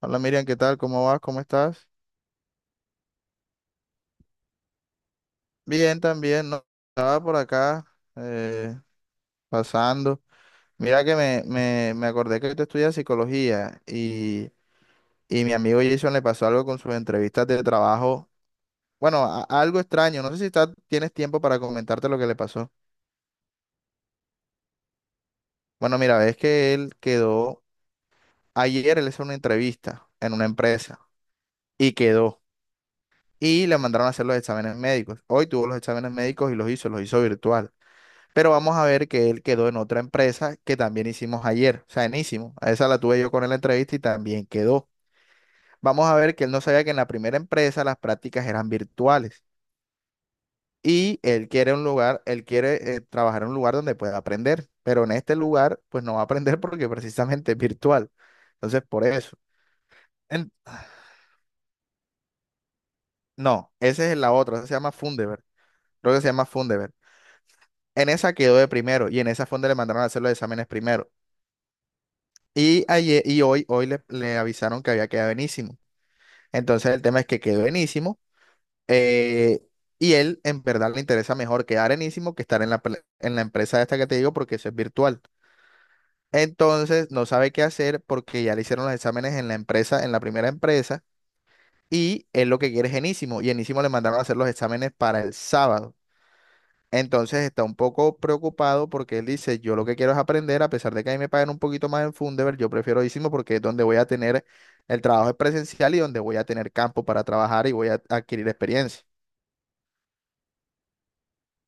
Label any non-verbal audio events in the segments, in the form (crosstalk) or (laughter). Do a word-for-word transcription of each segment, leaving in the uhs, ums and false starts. Hola Miriam, ¿qué tal? ¿Cómo vas? ¿Cómo estás? Bien, también, ¿no? Estaba por acá eh, pasando. Mira que me, me, me acordé que tú estudias psicología y, y mi amigo Jason le pasó algo con sus entrevistas de trabajo. Bueno, a- algo extraño. No sé si está- tienes tiempo para comentarte lo que le pasó. Bueno, mira, ves que él quedó, ayer él hizo una entrevista en una empresa y quedó. Y le mandaron a hacer los exámenes médicos. Hoy tuvo los exámenes médicos y los hizo, los hizo virtual. Pero vamos a ver que él quedó en otra empresa que también hicimos ayer, o sea, en a esa la tuve yo con él en la entrevista y también quedó. Vamos a ver que él no sabía que en la primera empresa las prácticas eran virtuales y él quiere un lugar, él quiere eh, trabajar en un lugar donde pueda aprender, pero en este lugar pues no va a aprender (laughs) porque precisamente es virtual. Entonces, por eso. En- no, esa es la otra, esa se llama Fundeber. Creo que se llama Fundeber. En esa quedó de primero y en esa fue donde le mandaron a hacer los exámenes primero. Y, ayer, y hoy, hoy le, le avisaron que había quedado enísimo. Entonces el tema es que quedó enísimo eh, y él en verdad le interesa mejor quedar enísimo que estar en la, pele- en la empresa esta que te digo porque eso es virtual. Entonces no sabe qué hacer porque ya le hicieron los exámenes en la empresa, en la primera empresa y él lo que quiere es enísimo y enísimo le mandaron a hacer los exámenes para el sábado. Entonces está un poco preocupado porque él dice, yo lo que quiero es aprender, a pesar de que a mí me pagan un poquito más en Fundeber, yo prefiero Isimo porque es donde voy a tener, el trabajo es presencial y donde voy a tener campo para trabajar y voy a adquirir experiencia.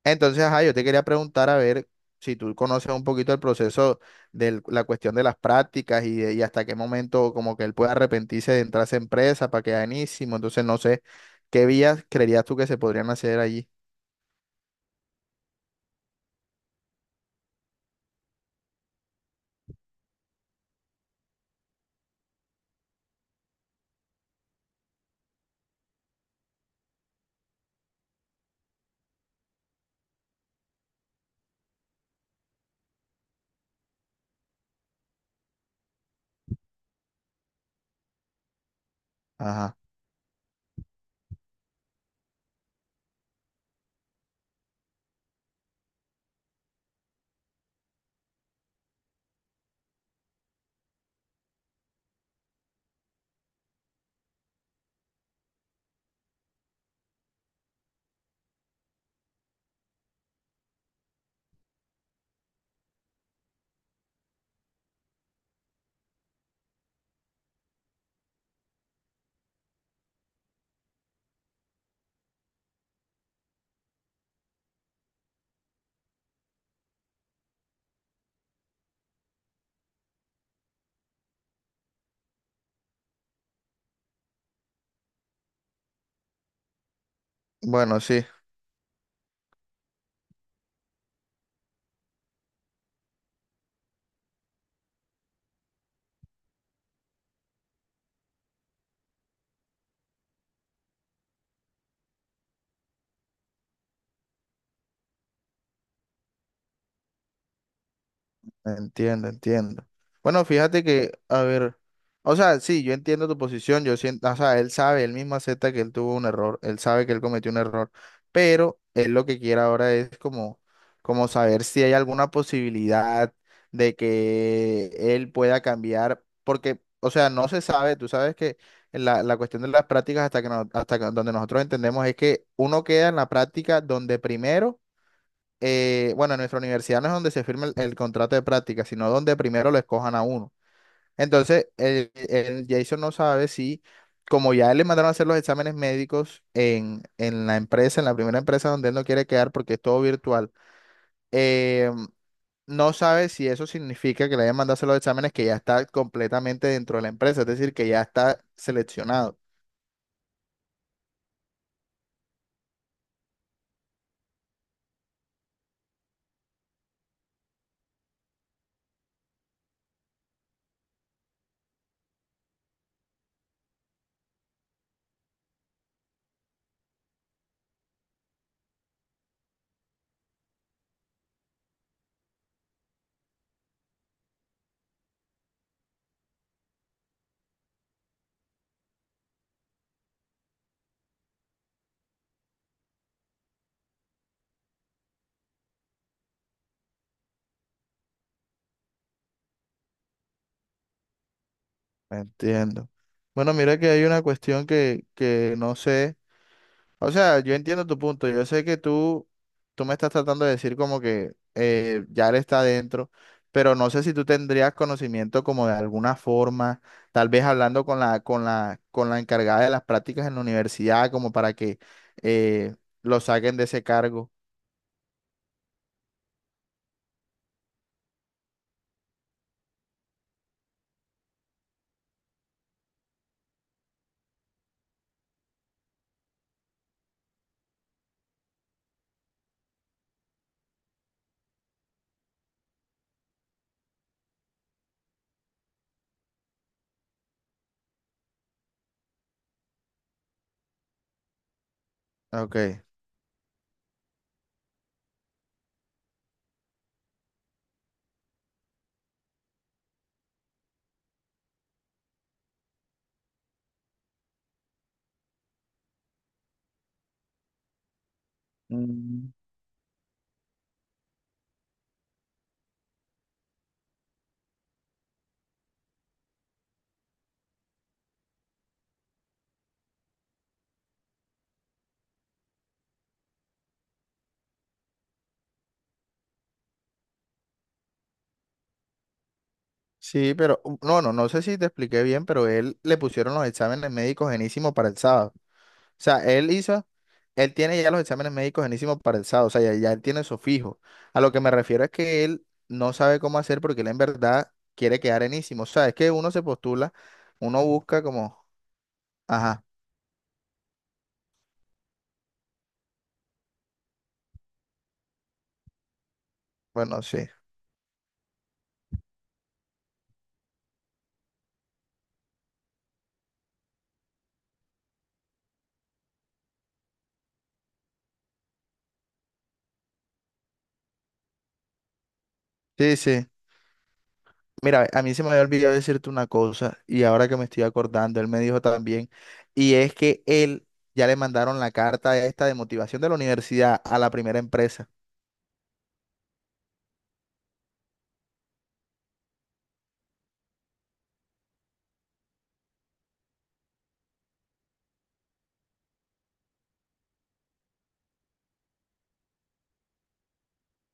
Entonces, ajá, yo te quería preguntar a ver si tú conoces un poquito el proceso de la cuestión de las prácticas y, de- y hasta qué momento como que él puede arrepentirse de entrar a esa empresa para quedar en Isimo. Entonces, no sé, ¿qué vías creerías tú que se podrían hacer allí? Ajá. Bueno, sí. Entiendo, entiendo. Bueno, fíjate que, a ver, o sea, sí, yo entiendo tu posición, yo siento, o sea, él sabe, él mismo acepta que él tuvo un error, él sabe que él cometió un error, pero él lo que quiere ahora es como, como saber si hay alguna posibilidad de que él pueda cambiar, porque, o sea, no se sabe, tú sabes que la, la cuestión de las prácticas hasta que no- hasta que- donde nosotros entendemos es que uno queda en la práctica donde primero eh, bueno, en nuestra universidad no es donde se firma el, el contrato de práctica, sino donde primero lo escojan a uno. Entonces, el, el Jason no sabe si, como ya él le mandaron a hacer los exámenes médicos en, en la empresa, en la primera empresa donde él no quiere quedar porque es todo virtual, eh, no sabe si eso significa que le hayan mandado a hacer los exámenes que ya está completamente dentro de la empresa, es decir, que ya está seleccionado. Entiendo. Bueno, mira que hay una cuestión que, que no sé. O sea, yo entiendo tu punto. Yo sé que tú, tú me estás tratando de decir como que eh, ya él está adentro, pero no sé si tú tendrías conocimiento como de alguna forma, tal vez hablando con la, con la, con la encargada de las prácticas en la universidad, como para que eh, lo saquen de ese cargo. Ok. Mm, sí, pero u- no, no, no sé si te expliqué bien, pero él le pusieron los exámenes médicos genísimos para el sábado. O sea, él hizo, él tiene ya los exámenes médicos enísimos para el sábado, o sea, ya, ya él tiene eso fijo. A lo que me refiero es que él no sabe cómo hacer porque él en verdad quiere quedar enísimo. O sea, es que uno se postula, uno busca como, ajá, bueno, sí. Sí, sí. Mira, a mí se me había olvidado decirte una cosa y ahora que me estoy acordando, él me dijo también, y es que él ya le mandaron la carta esta de motivación de la universidad a la primera empresa.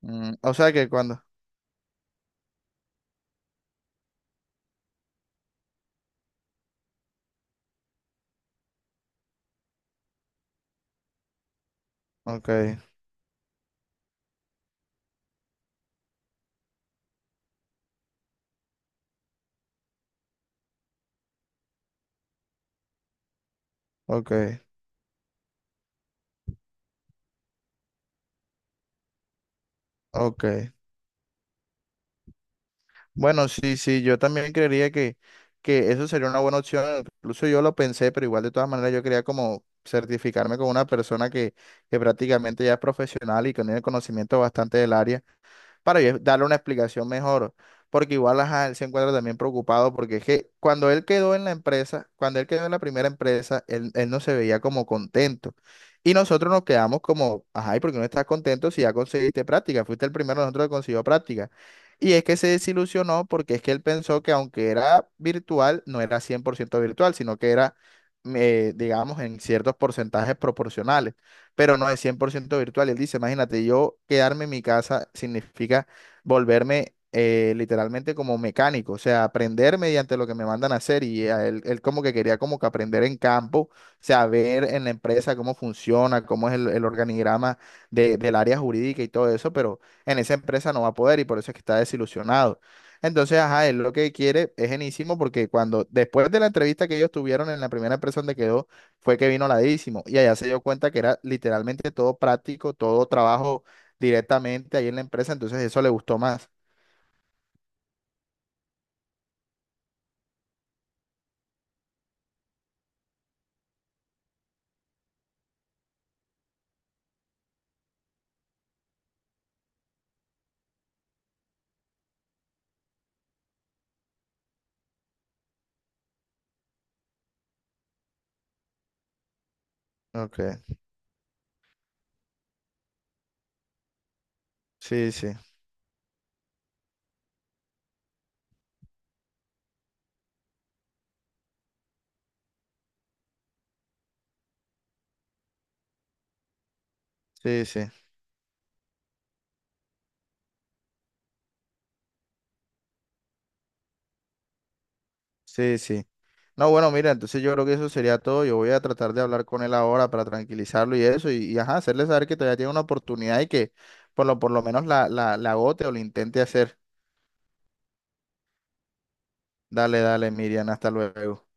Mm, o sea que cuando, ok, ok, ok. Bueno, sí, sí, yo también creería que, que eso sería una buena opción. Incluso yo lo pensé, pero igual de todas maneras yo quería como certificarme con una persona que, que prácticamente ya es profesional y que tiene conocimiento bastante del área para yo darle una explicación mejor. Porque igual, ajá, él se encuentra también preocupado porque es que cuando él quedó en la empresa, cuando él quedó en la primera empresa, él, él no se veía como contento. Y nosotros nos quedamos como, ajá, ¿y por qué no estás contento si ya conseguiste práctica? Fuiste el primero de nosotros que consiguió práctica. Y es que se desilusionó porque es que él pensó que aunque era virtual, no era cien por ciento virtual, sino que era, eh, digamos, en ciertos porcentajes proporcionales pero no es cien por ciento virtual. Y él dice, imagínate, yo quedarme en mi casa significa volverme eh, literalmente como mecánico, o sea, aprender mediante lo que me mandan a hacer. Y a él, él como que quería como que aprender en campo, o sea, ver en la empresa cómo funciona, cómo es el, el organigrama de- del área jurídica y todo eso, pero en esa empresa no va a poder y por eso es que está desilusionado. Entonces, ajá, él lo que quiere es genísimo porque cuando después de la entrevista que ellos tuvieron en la primera empresa donde quedó, fue que vino ladísimo y allá se dio cuenta que era literalmente todo práctico, todo trabajo directamente ahí en la empresa, entonces eso le gustó más. Ok, sí, sí, sí, sí, sí, sí. No, bueno, mira, entonces yo creo que eso sería todo. Yo voy a tratar de hablar con él ahora para tranquilizarlo y eso, y, y, ajá, hacerle saber que todavía tiene una oportunidad y que por lo, por lo menos la, la, la agote o lo intente hacer. Dale, dale, Miriam, hasta luego.